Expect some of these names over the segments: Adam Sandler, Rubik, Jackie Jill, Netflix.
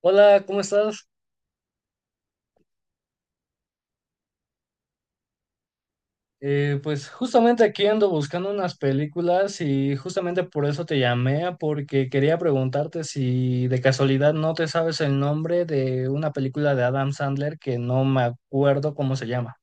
Hola, ¿cómo estás? Pues justamente aquí ando buscando unas películas y justamente por eso te llamé, porque quería preguntarte si de casualidad no te sabes el nombre de una película de Adam Sandler que no me acuerdo cómo se llama.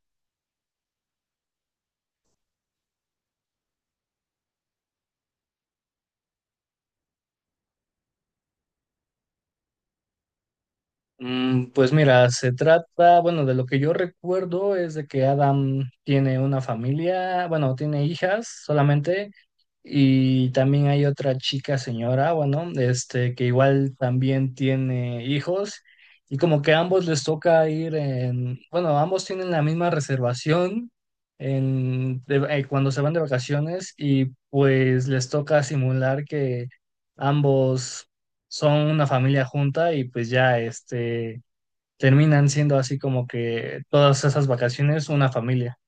Pues mira, se trata, bueno, de lo que yo recuerdo es de que Adam tiene una familia, bueno, tiene hijas solamente, y también hay otra chica señora, bueno, que igual también tiene hijos, y como que a ambos les toca ir en, bueno, ambos tienen la misma reservación en, cuando se van de vacaciones, y pues les toca simular que ambos son una familia junta y pues ya terminan siendo así como que todas esas vacaciones una familia.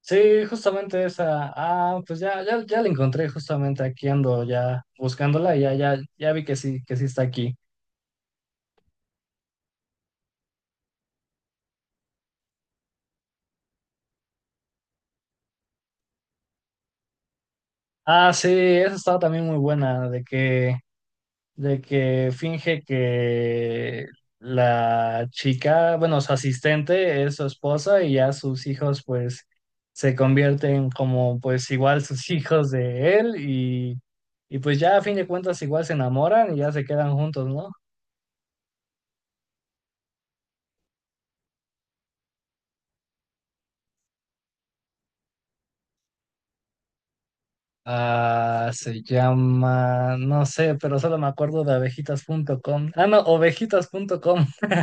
Sí, justamente esa. Ah, pues ya, ya, ya la encontré, justamente aquí ando ya buscándola, y ya, ya, ya vi que sí está aquí. Ah, sí, esa estaba también muy buena, de que finge que la chica, bueno, su asistente es su esposa y ya sus hijos pues se convierten como, pues igual, sus hijos de él y pues ya a fin de cuentas igual se enamoran y ya se quedan juntos, ¿no? Ah, se llama, no sé, pero solo me acuerdo de abejitas abejitas.com. Ah, no, ovejitas ovejitas.com.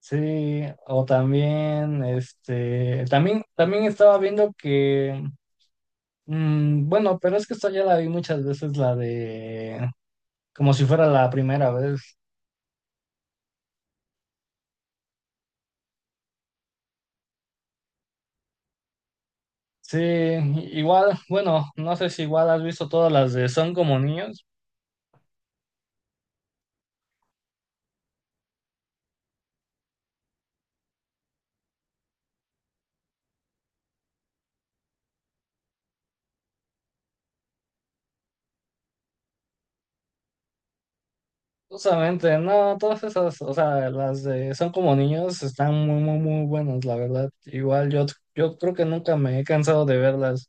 Sí, o también, también, también estaba viendo que. Bueno, pero es que esta ya la vi muchas veces, la de Como si fuera la primera vez. Sí, igual, bueno, no sé si igual has visto todas las de Son como niños. Justamente, no, todas esas, o sea, las de Son como niños están muy, muy, muy buenas, la verdad. Igual yo, yo creo que nunca me he cansado de verlas.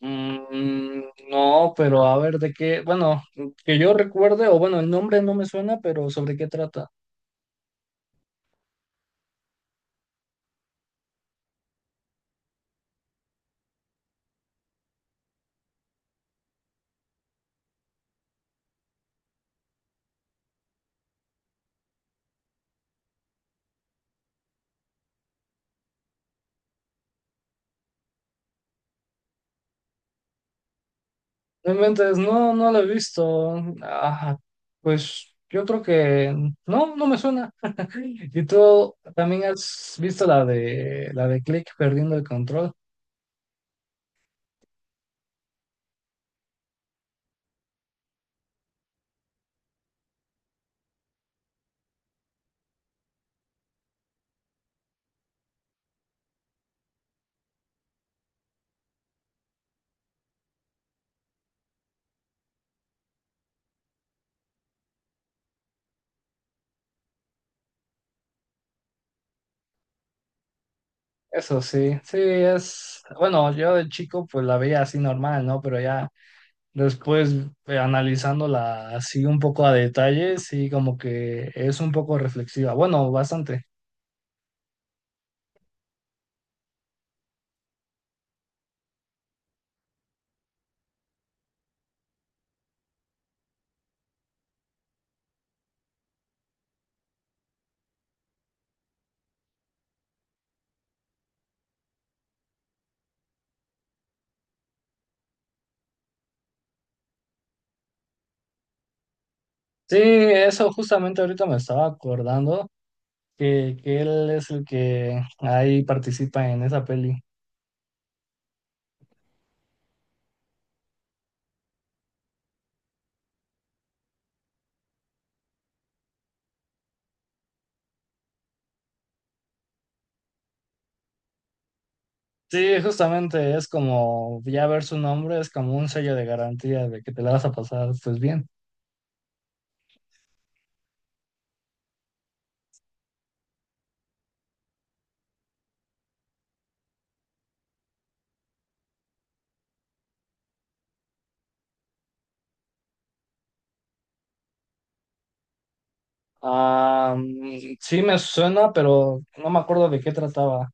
Mm, no, pero a ver, de qué, bueno, que yo recuerde, o bueno, el nombre no me suena, pero ¿sobre qué trata? No inventes, no, no lo he visto. Ajá, pues yo creo que no, no me suena. ¿Y tú también has visto la de Click, perdiendo el control? Eso sí, sí es, bueno, yo de chico pues la veía así normal, ¿no? Pero ya después, analizándola así un poco a detalle, sí, como que es un poco reflexiva. Bueno, bastante. Sí, eso justamente ahorita me estaba acordando, que él es el que ahí participa en esa peli. Sí, justamente, es como ya ver su nombre es como un sello de garantía de que te la vas a pasar, pues, bien. Ah, sí me suena, pero no me acuerdo de qué trataba.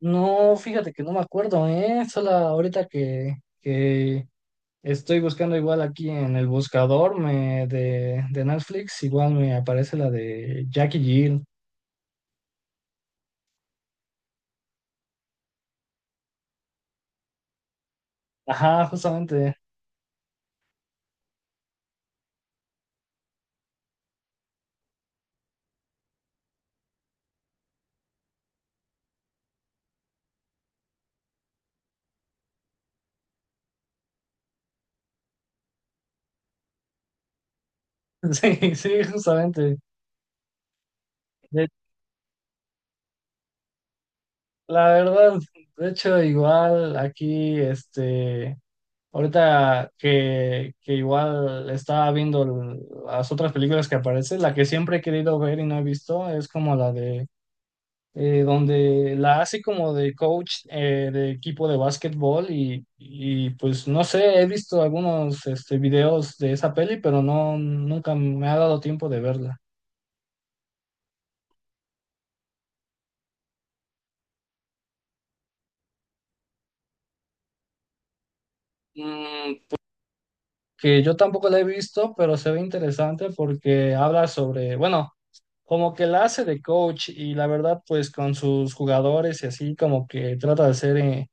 No, fíjate que no me acuerdo, ¿eh? Solo ahorita que estoy buscando, igual aquí en el buscador me, de Netflix, igual me aparece la de Jackie Jill. Ajá, justamente. Sí, sí, justamente. La verdad, de hecho, igual aquí, ahorita que igual estaba viendo las otras películas que aparecen, la que siempre he querido ver y no he visto es como la de, donde la hace como de coach, de equipo de básquetbol y pues no sé, he visto algunos, videos de esa peli, pero no, nunca me ha dado tiempo de verla. Mm, que yo tampoco la he visto, pero se ve interesante porque habla sobre, bueno, como que la hace de coach, y la verdad, pues con sus jugadores y así, como que trata de ser,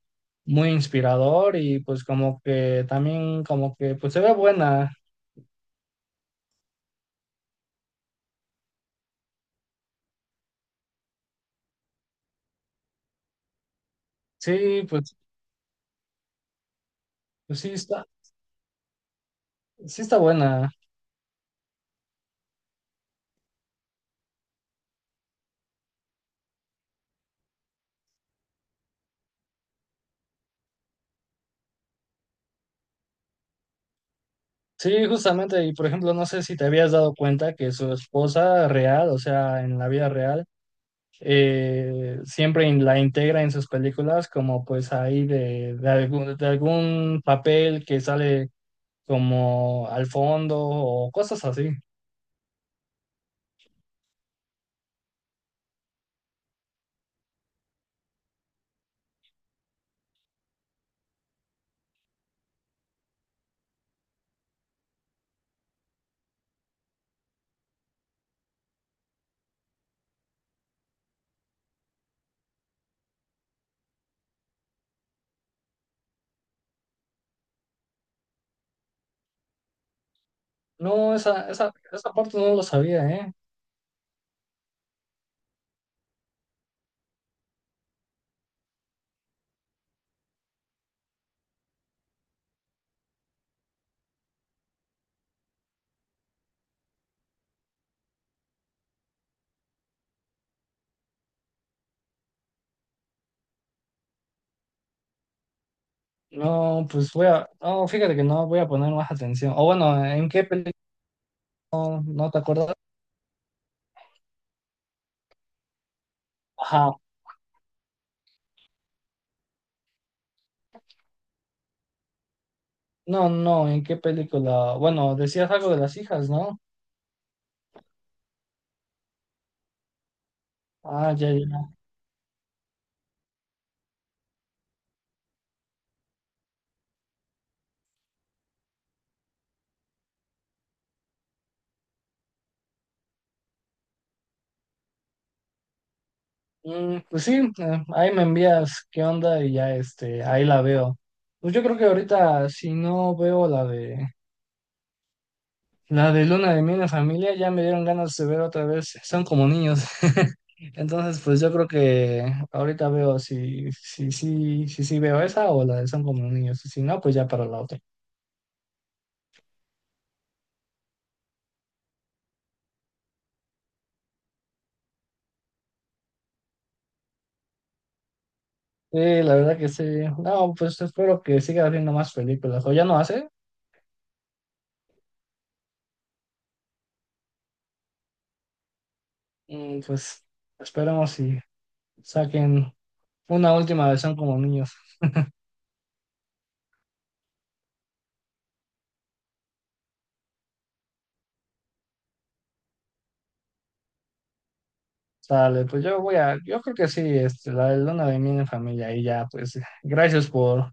muy inspirador, y pues como que también, como que pues se ve buena. Sí, pues, pues sí está buena. Sí, justamente, y por ejemplo, no sé si te habías dado cuenta que su esposa real, o sea, en la vida real, siempre la integra en sus películas como pues ahí de algún papel que sale como al fondo o cosas así. No, esa, esa parte no lo sabía, ¿eh? No, pues voy a, no, fíjate que no voy a poner más atención. O bueno, ¿en qué película? No, no te acuerdas. Ajá. No, no, ¿en qué película? Bueno, decías algo de las hijas, ¿no? Ah, ya, ya. Pues sí, ahí me envías qué onda y ya, ahí la veo. Pues yo creo que ahorita, si no veo la de la de luna de miel en familia, ya me dieron ganas de ver otra vez Son como niños. Entonces, pues yo creo que ahorita veo si veo esa o la de Son como niños. Y si no, pues ya para la otra. Sí, la verdad que sí. No, pues espero que siga haciendo más películas. O ya no hace. Pues esperemos y saquen una última de Son como niños. Sale, pues yo voy a, yo creo que sí, la de luna de miel en familia, y ya, pues gracias por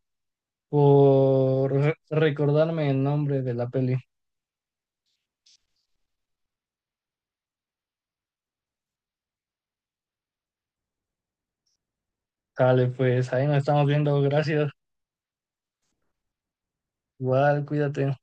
recordarme el nombre de la peli. Dale, pues ahí nos estamos viendo, gracias. Igual, cuídate.